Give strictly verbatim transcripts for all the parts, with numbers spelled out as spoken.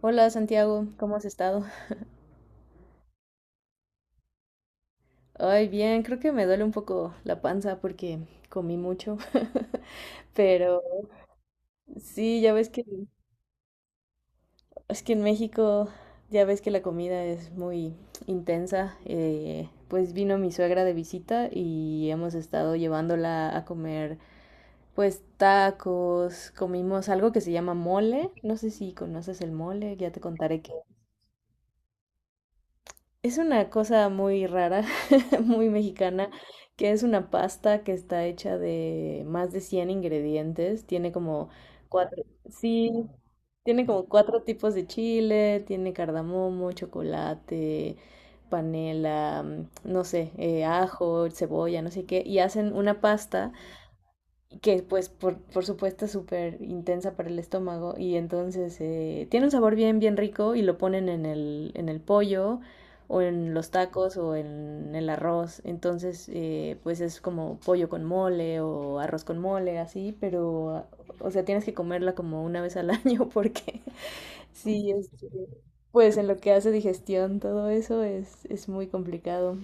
Hola Santiago, ¿cómo has estado? Ay, bien, creo que me duele un poco la panza porque comí mucho, pero sí, ya ves que es que en México ya ves que la comida es muy intensa. Eh, pues vino mi suegra de visita y hemos estado llevándola a comer pues tacos, comimos algo que se llama mole, no sé si conoces el mole, ya te contaré. Es una cosa muy rara, muy mexicana, que es una pasta que está hecha de más de cien ingredientes. Tiene como cuatro, sí, tiene como cuatro tipos de chile, tiene cardamomo, chocolate, panela, mm, no sé, eh, ajo, cebolla, no sé qué, y hacen una pasta que pues por, por supuesto es súper intensa para el estómago y entonces eh, tiene un sabor bien, bien rico y lo ponen en el, en el pollo o en los tacos o en el arroz. Entonces, eh, pues es como pollo con mole o arroz con mole así, pero o sea tienes que comerla como una vez al año porque sí, este, pues en lo que hace digestión todo eso es, es muy complicado.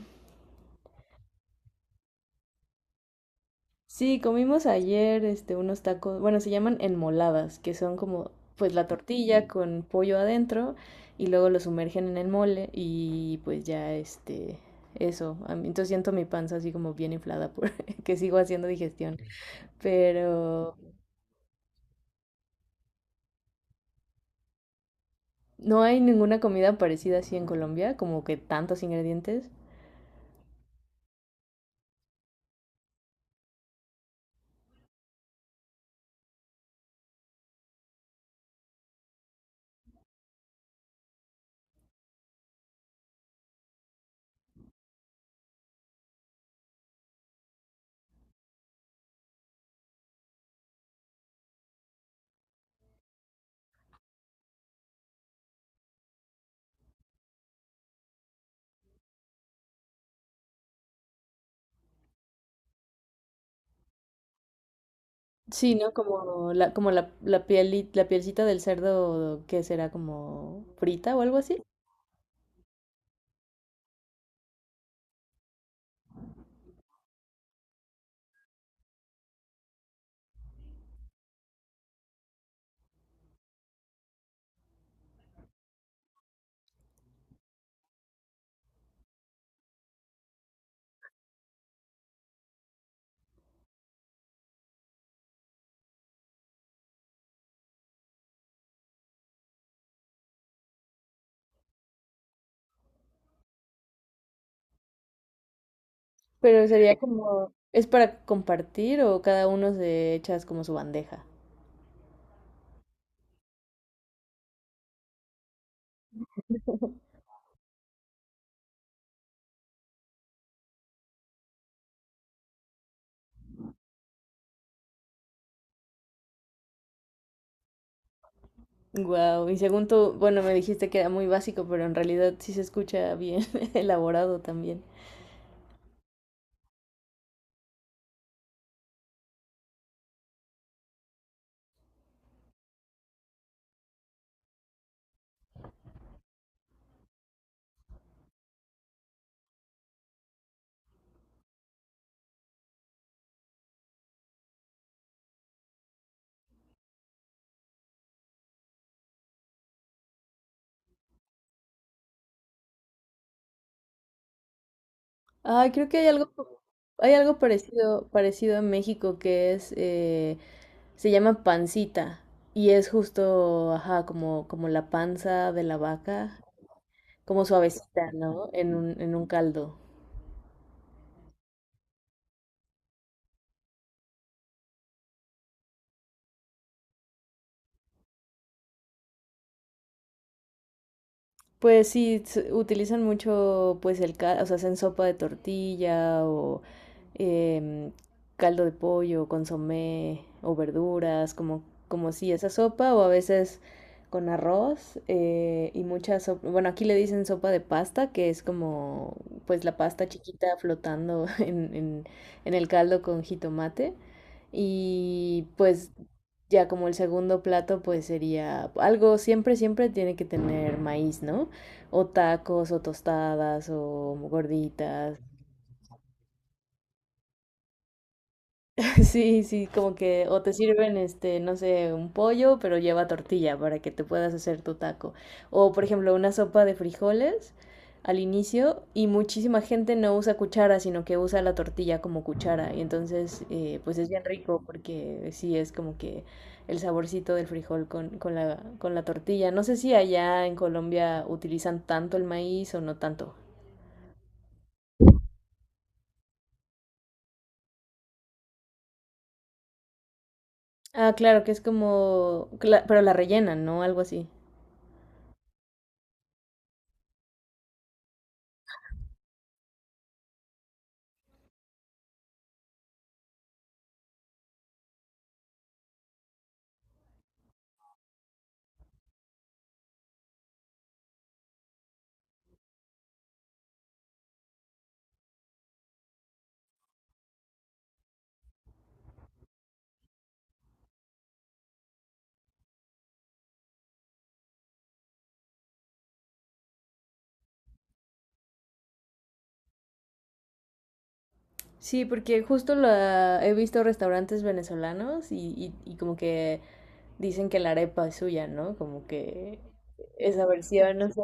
Sí, comimos ayer este, unos tacos, bueno, se llaman enmoladas, que son como pues la tortilla con pollo adentro y luego lo sumergen en el mole y pues ya este, eso, a mí- entonces siento mi panza así como bien inflada por que sigo haciendo digestión, pero no hay ninguna comida parecida así en Colombia, como que tantos ingredientes. Sí, ¿no? Como la, como la, la piel, la pielcita del cerdo que será como frita o algo así. Pero sería como, ¿es para compartir o cada uno se echa como su bandeja? Wow, y según tú, bueno, me dijiste que era muy básico, pero en realidad sí se escucha bien elaborado también. Ay, creo que hay algo, hay algo parecido, parecido a México que es, eh, se llama pancita y es justo, ajá, como, como la panza de la vaca, como suavecita, ¿no? En un, en un caldo. Pues sí, s- utilizan mucho pues el caldo, o sea, hacen sopa de tortilla o em, caldo de pollo, consomé o verduras, como, como si esa sopa o a veces con arroz, eh, y mucha sopa, bueno, aquí le dicen sopa de pasta, que es como pues la pasta chiquita flotando en, en, en el caldo con jitomate y pues ya como el segundo plato pues sería algo, siempre, siempre tiene que tener maíz, ¿no? O tacos o tostadas o gorditas. Sí, sí, como que o te sirven este, no sé, un pollo, pero lleva tortilla para que te puedas hacer tu taco. O por ejemplo, una sopa de frijoles al inicio y muchísima gente no usa cuchara, sino que usa la tortilla como cuchara. Y entonces, eh, pues es bien rico porque sí es como que el saborcito del frijol con, con la, con la tortilla. No sé si allá en Colombia utilizan tanto el maíz o no tanto. Ah, claro, que es como, cla- pero la rellenan, ¿no? Algo así. Sí, porque justo la he visto restaurantes venezolanos y, y, y como que dicen que la arepa es suya, ¿no? Como que esa versión, no sé.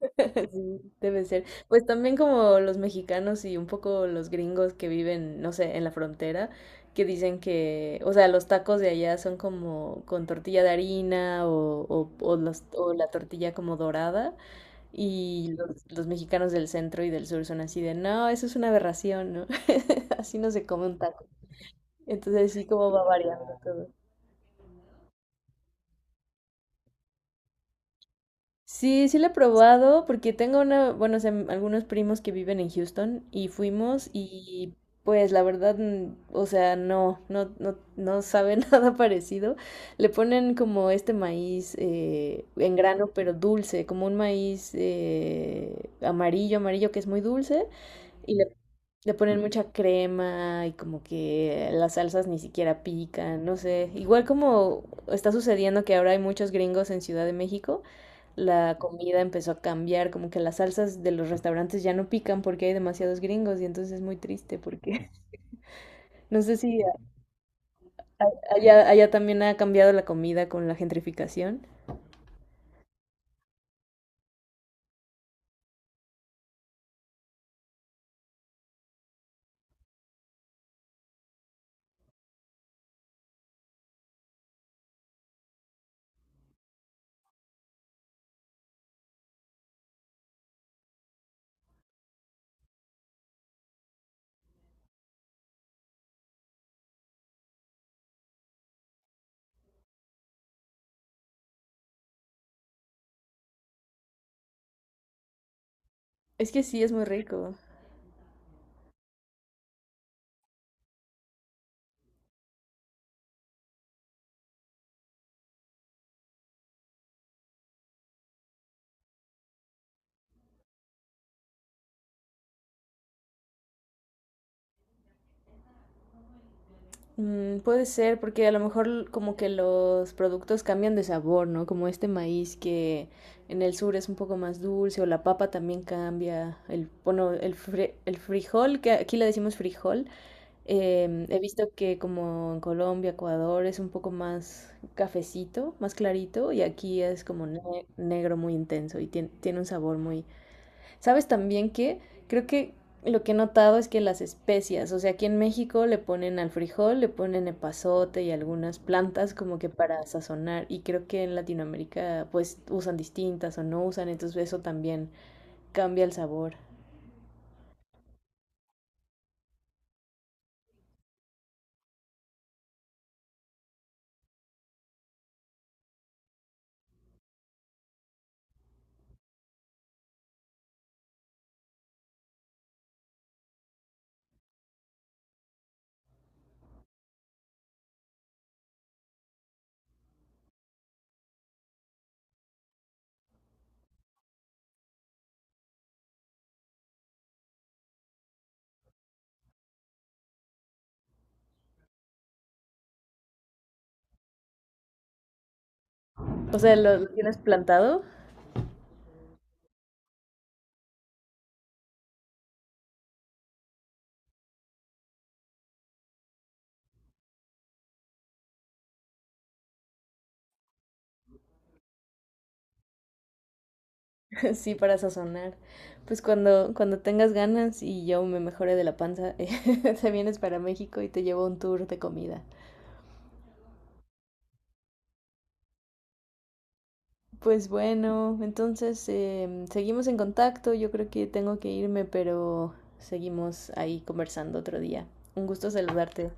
Sí, debe ser. Pues también como los mexicanos y un poco los gringos que viven, no sé, en la frontera, que dicen que, o sea, los tacos de allá son como con tortilla de harina o, o, o los- o la tortilla como dorada. Y los, los mexicanos del centro y del sur son así de, no, eso es una aberración, ¿no? Así no se come un taco. Entonces sí como va variando todo. Sí, sí lo he probado porque tengo una, bueno, o sea, m- algunos primos que viven en Houston y fuimos y pues la verdad, mm, o sea, no, no, no, no sabe nada parecido. Le ponen como este maíz, eh, en grano pero dulce, como un maíz, eh, amarillo, amarillo que es muy dulce. De poner mucha crema y como que las salsas ni siquiera pican, no sé. Igual como está sucediendo que ahora hay muchos gringos en Ciudad de México, la comida empezó a cambiar, como que las salsas de los restaurantes ya no pican porque hay demasiados gringos y entonces es muy triste porque no sé si allá, allá también ha cambiado la comida con la gentrificación. Es que sí, es muy rico. Mm, puede ser, porque a lo mejor como que los productos cambian de sabor, ¿no? Como este maíz que en el sur es un poco más dulce, o la papa también cambia. El, bueno, el, fri- el frijol, que aquí le decimos frijol, em, he visto que como en Colombia, Ecuador es un poco más cafecito, más clarito, y aquí es como ne- negro muy intenso y tien- tiene un sabor muy... ¿Sabes también que creo que lo que he notado es que las especias, o sea, aquí en México le ponen al frijol, le ponen epazote y algunas plantas como que para sazonar y creo que en Latinoamérica pues usan distintas o no usan, entonces eso también cambia el sabor? O sea, lo, lo tienes plantado. Sí, para sazonar. Pues cuando, cuando tengas ganas y yo me mejore de la panza, eh, te vienes para México y te llevo un tour de comida. Pues bueno, entonces em, seguimos en contacto. Yo creo que tengo que irme, pero seguimos ahí conversando otro día. Un gusto saludarte.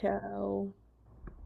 Chao.